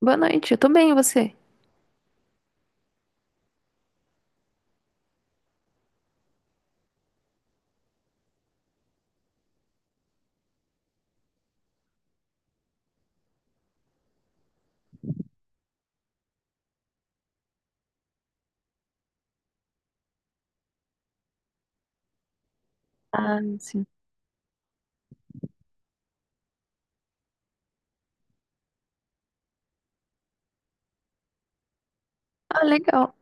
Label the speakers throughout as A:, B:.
A: Boa noite, eu tô bem, e você? Ah, sim. Ah, legal.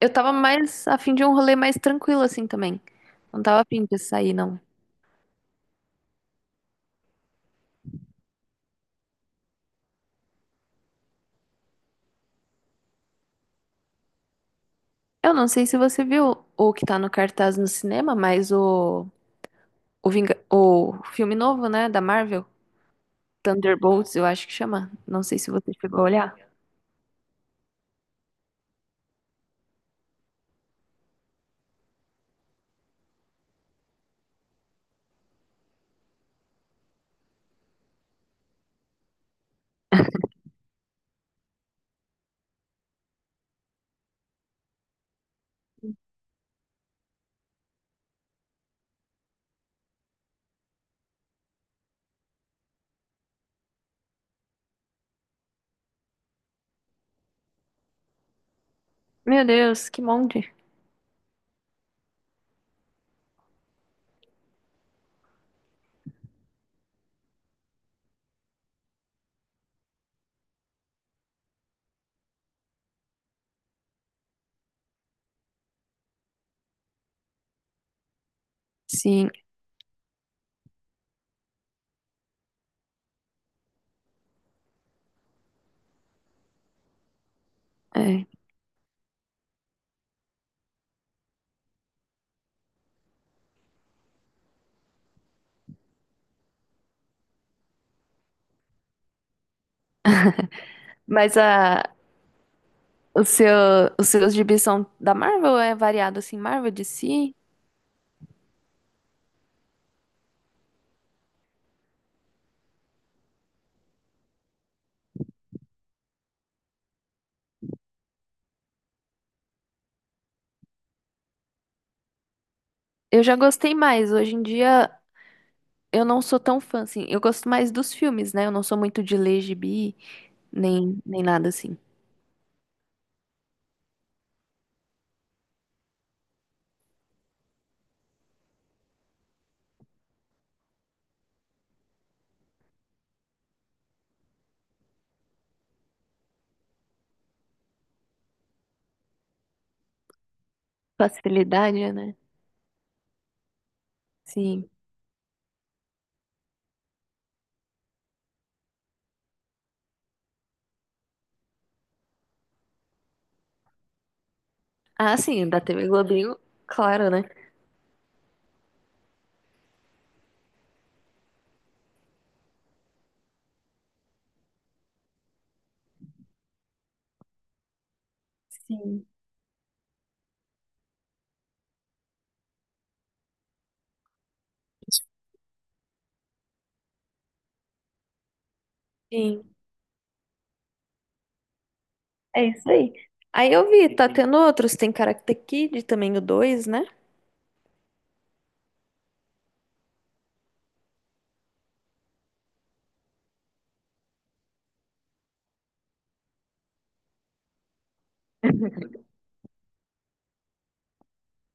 A: Eu tava mais a fim de um rolê mais tranquilo assim também. Não tava a fim de sair, não. Eu não sei se você viu o que tá no cartaz no cinema, mas o filme novo, né, da Marvel, Thunderbolts, eu acho que chama. Não sei se você chegou a olhar. Meu Deus, que monte. Sim, é. Mas o seu, os seus gibis são da Marvel, é variado assim, Marvel, DC? Eu já gostei mais hoje em dia. Eu não sou tão fã, assim. Eu gosto mais dos filmes, né? Eu não sou muito de ler gibi, nem nada assim. Facilidade, né? Sim. Ah, sim, da TV Globinho, claro, né? Sim. Sim. É isso aí. Aí eu vi, tá tendo outros. Tem Karate Kid também, o 2, né?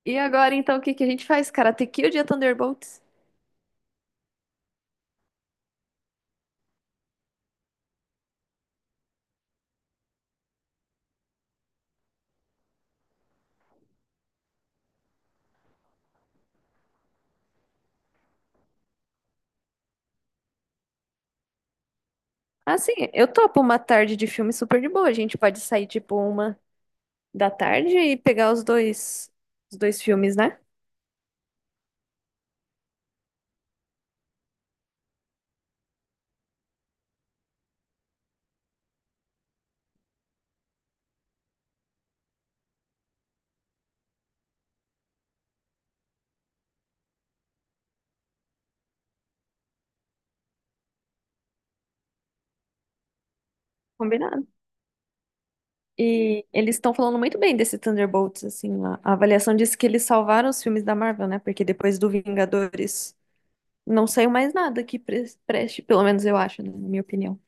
A: E agora, então, o que que a gente faz? Karate Kid ou Thunderbolts? Ah, sim, eu topo uma tarde de filme super de boa. A gente pode sair, tipo, uma da tarde e pegar os dois filmes, né? Combinado. E eles estão falando muito bem desse Thunderbolts, assim, a avaliação disse que eles salvaram os filmes da Marvel, né? Porque depois do Vingadores não saiu mais nada que preste, pelo menos eu acho, né? Na minha opinião.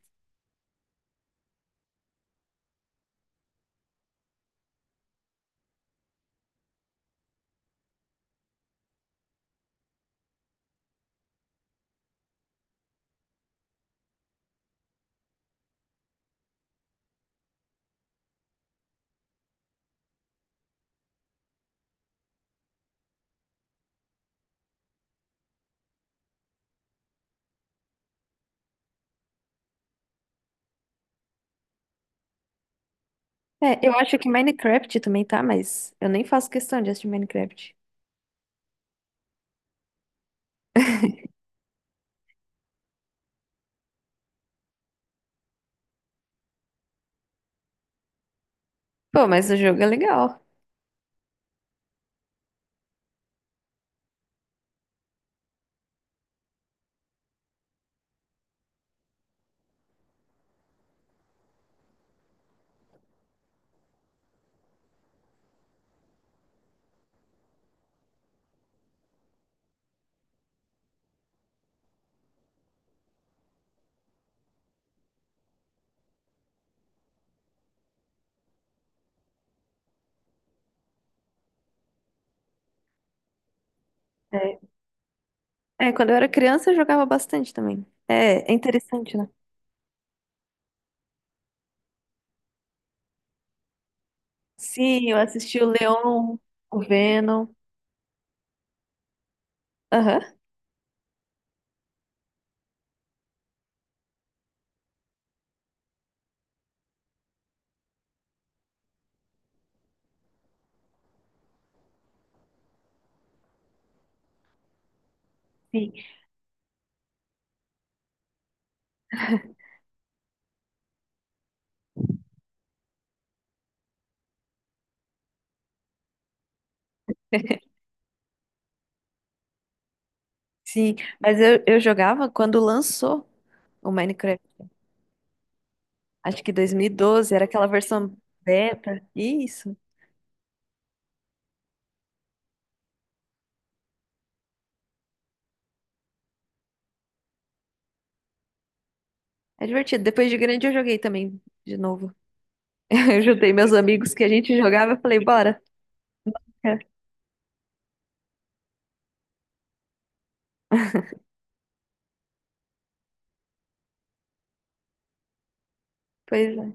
A: É, eu acho que Minecraft também tá, mas eu nem faço questão de assistir Minecraft. Pô, mas o jogo é legal. É, É, quando eu era criança eu jogava bastante também. É, é interessante, né? Sim, eu assisti o Leon, o Venom. Aham. Sim, sim. Mas eu jogava quando lançou o Minecraft. Acho que dois mil e doze era aquela versão beta. Isso. É divertido. Depois de grande eu joguei também de novo. Eu juntei meus amigos que a gente jogava e falei, bora. É, pois é.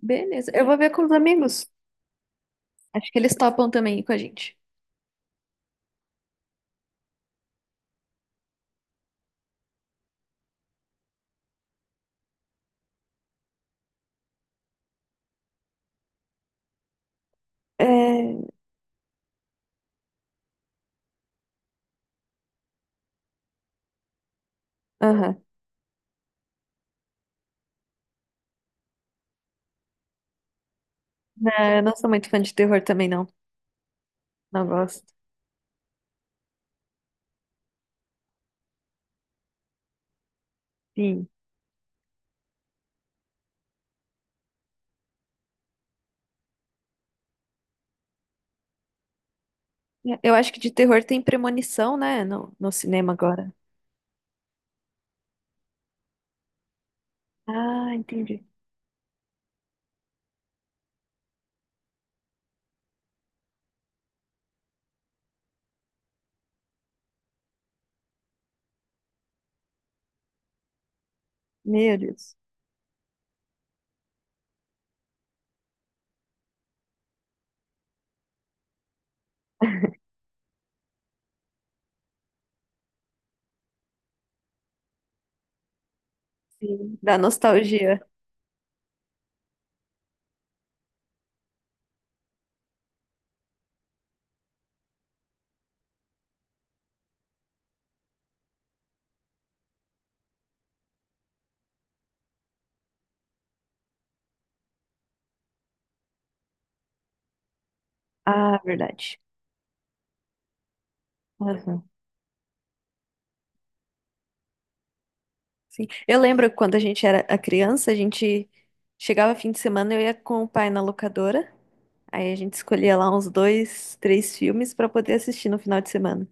A: Beleza. Eu vou ver com os amigos. Acho que eles topam também com a gente. É... Aham. Não, eu não sou muito fã de terror também, não. Não gosto. Sim. Eu acho que de terror tem Premonição, né? No cinema agora. Ah, entendi. Meu Deus. Sim. Da nostalgia. Ah, verdade. Aham. Sim. Eu lembro quando a gente era a criança, a gente chegava fim de semana, eu ia com o pai na locadora, aí a gente escolhia lá uns dois, três filmes pra poder assistir no final de semana.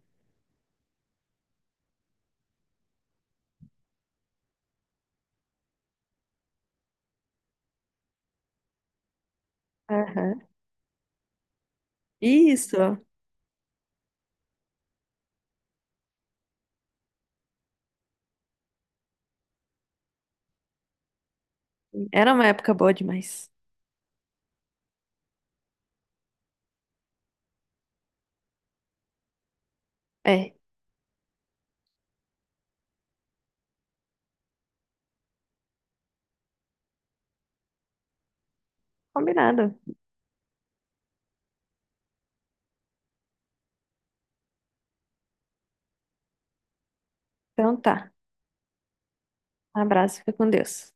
A: Aham. Isso. Era uma época boa demais. É, combinado. Então tá. Um abraço, fica com Deus.